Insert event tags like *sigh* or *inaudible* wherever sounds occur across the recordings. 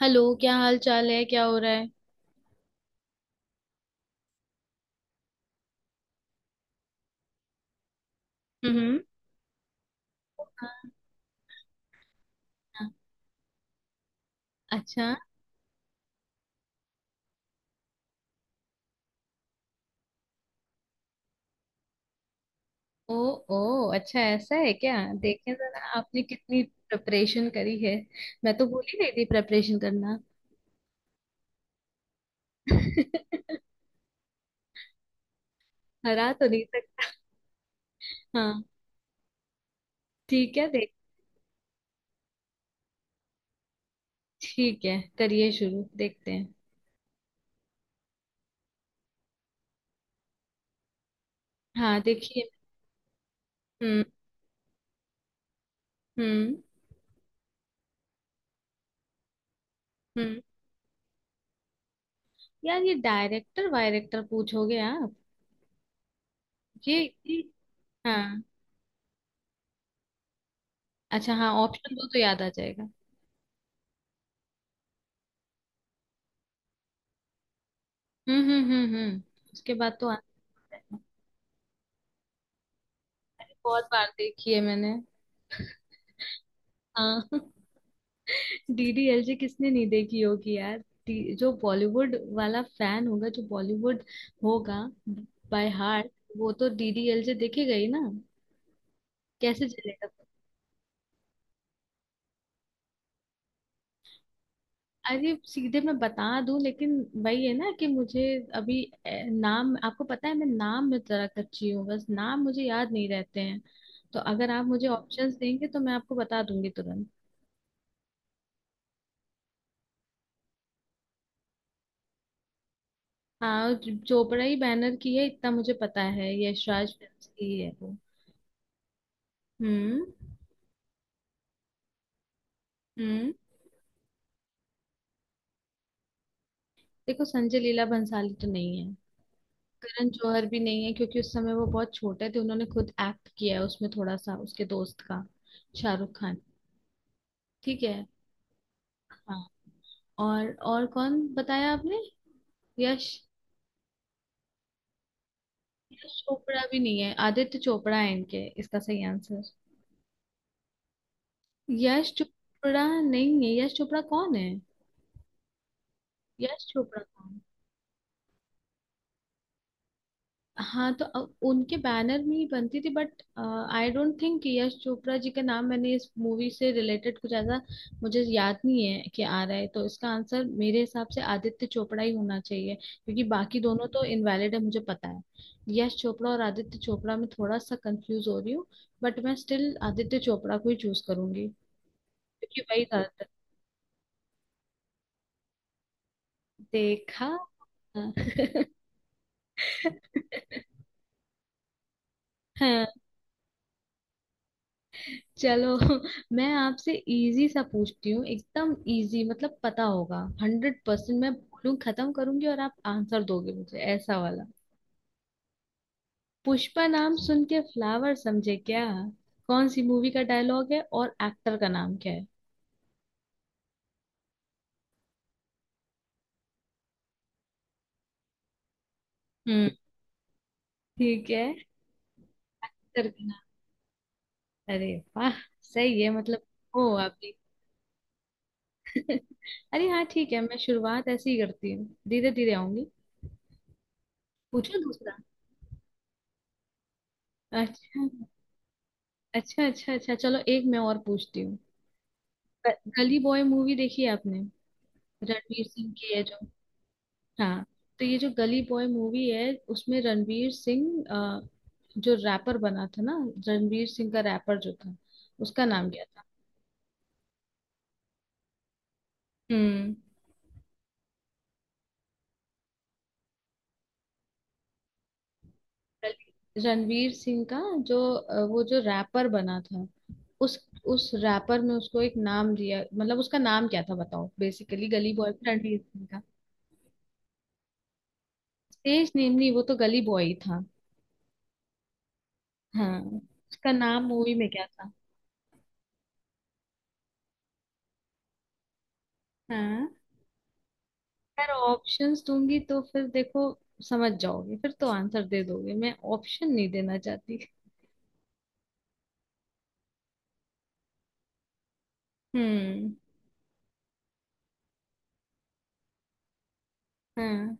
Hello, क्या हाल चाल है? क्या हो रहा है? हम्म। हाँ। अच्छा। ओ। ओ, अच्छा ऐसा है क्या? देखें जरा आपने कितनी प्रिपरेशन करी है। मैं तो भूल ही गई थी प्रिपरेशन करना। *laughs* हरा तो नहीं सकता। हाँ, ठीक है देख। ठीक है, करिए शुरू, देखते हैं। हाँ, देखिए। हम्म। हम्म। हम्म। यार, ये डायरेक्टर वायरेक्टर पूछोगे आप? ये ये- हाँ। अच्छा, हाँ ऑप्शन दो तो याद आ जाएगा। हम्म, हम्म, हम्म, हम्म। उसके बाद तो आंसर। बहुत बार देखी है मैंने। हाँ। *laughs* डीडीएलजे किसने नहीं देखी होगी यार। जो बॉलीवुड वाला फैन होगा, जो बॉलीवुड होगा बाय हार्ट, वो तो डीडीएलजे देखेगा ही ना। कैसे चलेगा। अरे सीधे मैं बता दूं, लेकिन वही है ना कि मुझे अभी नाम आपको पता है। मैं नाम में जरा कच्ची हूँ, बस नाम मुझे याद नहीं रहते हैं। तो अगर आप मुझे ऑप्शंस देंगे तो मैं आपको बता दूंगी तुरंत। हाँ, चोपड़ा ही बैनर की है, इतना मुझे पता है। यश राज फिल्म्स की ही है वो। हम्म। हम्म। देखो, संजय लीला भंसाली तो नहीं है। करण जौहर भी नहीं है, क्योंकि उस समय वो बहुत छोटे थे। उन्होंने खुद एक्ट किया है उसमें थोड़ा सा, उसके दोस्त का, शाहरुख खान। ठीक है। हाँ। और कौन बताया आपने? यश। यश चोपड़ा भी नहीं है, आदित्य चोपड़ा है इनके, इसका सही आंसर। यश चोपड़ा नहीं है। यश चोपड़ा कौन है? यश चोपड़ा कौन। हाँ तो उनके बैनर में ही बनती थी, but I don't think Yash Chopra ji का नाम मैंने इस मूवी से रिलेटेड कुछ ऐसा मुझे याद नहीं है कि आ रहा है। तो इसका आंसर मेरे हिसाब से आदित्य चोपड़ा ही होना चाहिए, क्योंकि बाकी दोनों तो इनवैलिड है मुझे पता है। यश चोपड़ा और आदित्य चोपड़ा में थोड़ा सा कंफ्यूज हो रही हूँ, बट मैं स्टिल आदित्य चोपड़ा को ही चूज करूंगी, क्योंकि वही था। देखा। हाँ। *laughs* चलो। *laughs* मैं आपसे इजी सा पूछती हूँ, एकदम इजी, मतलब पता होगा। 100%। मैं बोलूँ खत्म करूंगी और आप आंसर दोगे मुझे, ऐसा वाला। पुष्पा नाम सुन के फ्लावर समझे क्या, कौन सी मूवी का डायलॉग है और एक्टर का नाम क्या है? हम्म। ठीक है। एक्टर का नाम, अरे वाह सही है मतलब। ओ, आप भी। *laughs* अरे हाँ ठीक है, मैं शुरुआत ऐसे ही करती हूँ, धीरे धीरे आऊंगी। पूछो दूसरा। अच्छा, अच्छा, अच्छा, अच्छा, चलो एक मैं और पूछती हूँ। गली बॉय मूवी देखी है आपने? रणवीर सिंह की है जो। हाँ, तो ये जो गली बॉय मूवी है, उसमें रणवीर सिंह जो रैपर बना था ना, रणवीर सिंह का रैपर जो था, उसका नाम क्या था? हम्म। रणवीर सिंह का जो वो जो रैपर बना था, उस उस रैपर में उसको एक नाम दिया, मतलब उसका नाम क्या था बताओ। बेसिकली गली बॉय रणवीर सिंह का। स्टेज नेम नहीं, वो तो गली बॉय ही था। हाँ। उसका नाम मूवी में क्या था? हाँ। यार ऑप्शंस दूंगी तो फिर देखो समझ जाओगे, फिर तो आंसर दे दोगे। मैं ऑप्शन नहीं देना चाहती। हम्म। हाँ,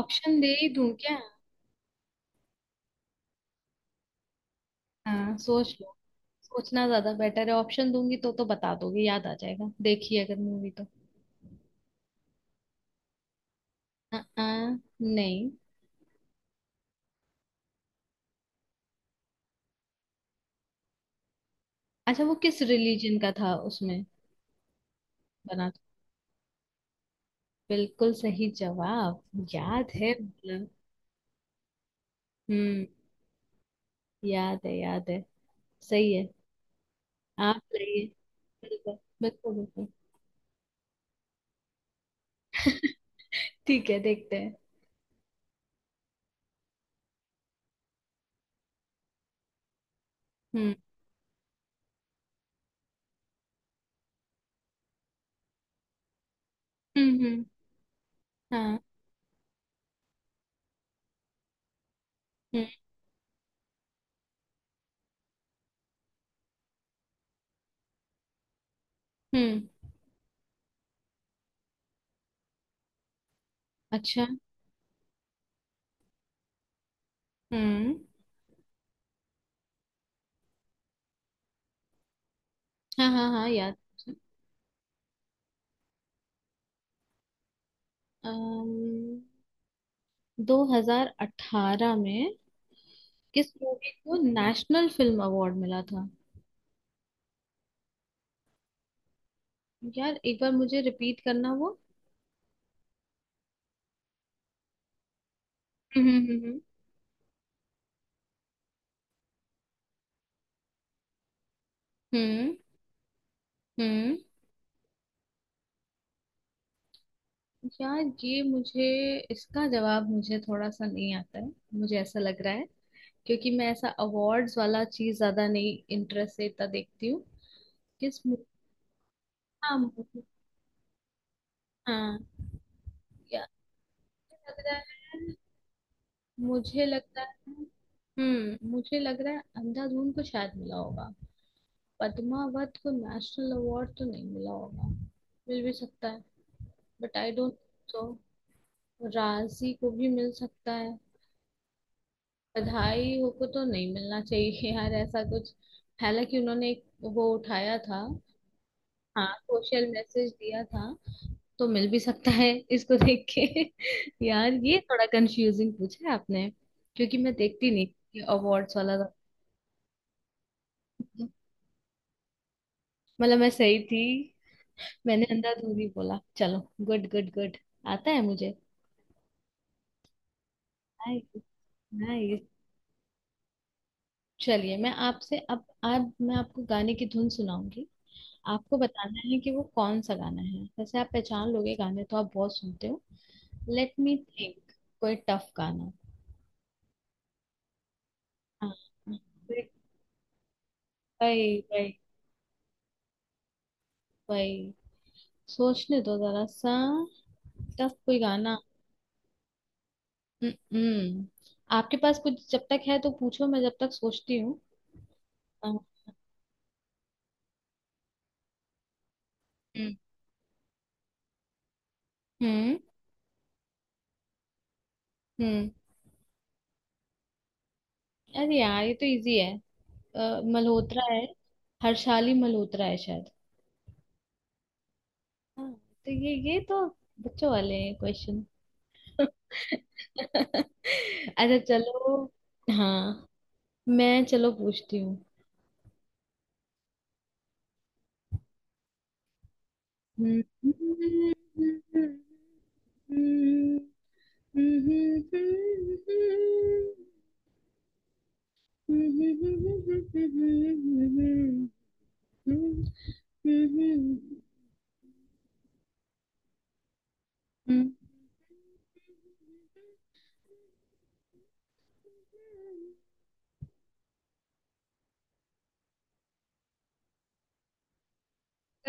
ऑप्शन दे ही दूं क्या? हाँ, सोच लो। सोचना ज्यादा बेटर है, ऑप्शन दूंगी तो बता दोगे, याद आ जाएगा देखी अगर मूवी तो। हाँ। हाँ, नहीं। अच्छा, वो किस रिलीजन का था उसमें बना था? बिल्कुल सही जवाब, याद है मतलब। हम्म। याद है, याद है। सही है। आप सही है। बिल्कुल, बिल्कुल, बिल्कुल। ठीक है, देखते हैं। हम्म। हम्म। हम्म। हाँ। हम्म। हम्म। अच्छा। हम्म। हाँ, हाँ, हाँ, याद। 2018 में किस मूवी को नेशनल फिल्म अवार्ड मिला था? यार, एक बार मुझे रिपीट करना वो। हम्म। हम्म। हम्म, हम्म। हम्म। यार, ये मुझे, इसका जवाब मुझे थोड़ा सा नहीं आता है, मुझे ऐसा लग रहा है, क्योंकि मैं ऐसा अवार्ड्स वाला चीज ज्यादा नहीं इंटरेस्ट से इतना देखती हूँ। किस मूवी। हाँ। हाँ। यार, लग रहा है, मुझे लगता है। हम्म। मुझे लग रहा है अंधाधुन को शायद मिला होगा। पद्मावत को नेशनल अवार्ड तो नहीं मिला होगा, मिल भी सकता है, but I don't. So, Raazi को भी मिल सकता है। बधाई हो को तो नहीं मिलना चाहिए यार, ऐसा कुछ। हालांकि उन्होंने एक वो उठाया था। हाँ, सोशल मैसेज दिया था, तो मिल भी सकता है इसको देख के। *laughs* यार, ये थोड़ा कंफ्यूजिंग पूछा है आपने, क्योंकि मैं देखती नहीं ये अवार्ड्स वाला। तो- मतलब मैं सही थी। मैंने अंधाधुंधी बोला, चलो। Good, good, good. आता है मुझे। नाइस। नाइस। चलिए, मैं आपसे, अब आज मैं आपको गाने की धुन सुनाऊंगी, आपको बताना है कि वो कौन सा गाना है। वैसे आप पहचान लोगे, गाने तो आप बहुत सुनते हो। Let me think. कोई टफ गाना। हाँ। वही, वही, वही। सोचने दो जरा सा, टफ कोई गाना। हम्म। हम्म। आपके पास कुछ जब तक है तो पूछो, मैं जब तक सोचती हूँ। अ, हम्म। हम्म। हम्म। अरे यार, ये तो इजी है। मल्होत्रा है। हर्षाली मल्होत्रा है शायद। हाँ, तो ये तो बच्चों वाले हैं क्वेश्चन। *laughs* अच्छा चलो। हाँ। मैं, चलो, पूछती हूँ। हम्म। हम्म। हम्म। करो,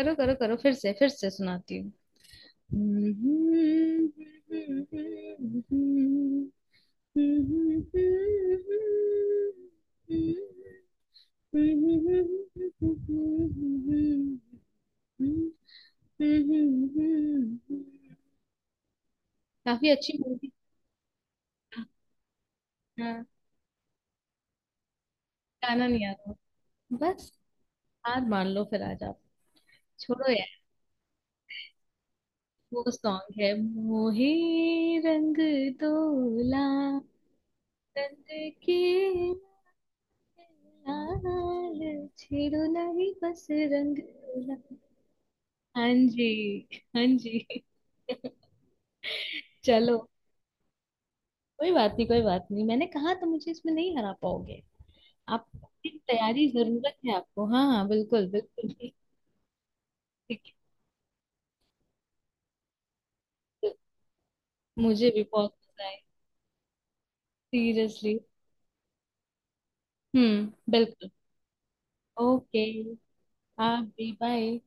करो, करो। फिर से, फिर से सुनाती हूँ, काफी अच्छी मूवी। हाँ। गाना नहीं आ रहा बस? हार मान लो फिर आज आप। छोड़ो यार। वो सॉन्ग है, मोहे रंग तोला, रंग के लाल छेड़ो नहीं बस। रंग तोला। हाँ जी। हाँ जी। *laughs* चलो। कोई बात नहीं, कोई बात नहीं, मैंने कहा तो मुझे इसमें नहीं हरा पाओगे आप। की तैयारी जरूरत है आपको। हाँ, हाँ, बिल्कुल, बिल्कुल। *laughs* ठीक। है मुझे भी बहुत मजा आया। सीरियसली। हम्म, बिल्कुल। ओके। हाँ, बी बाय।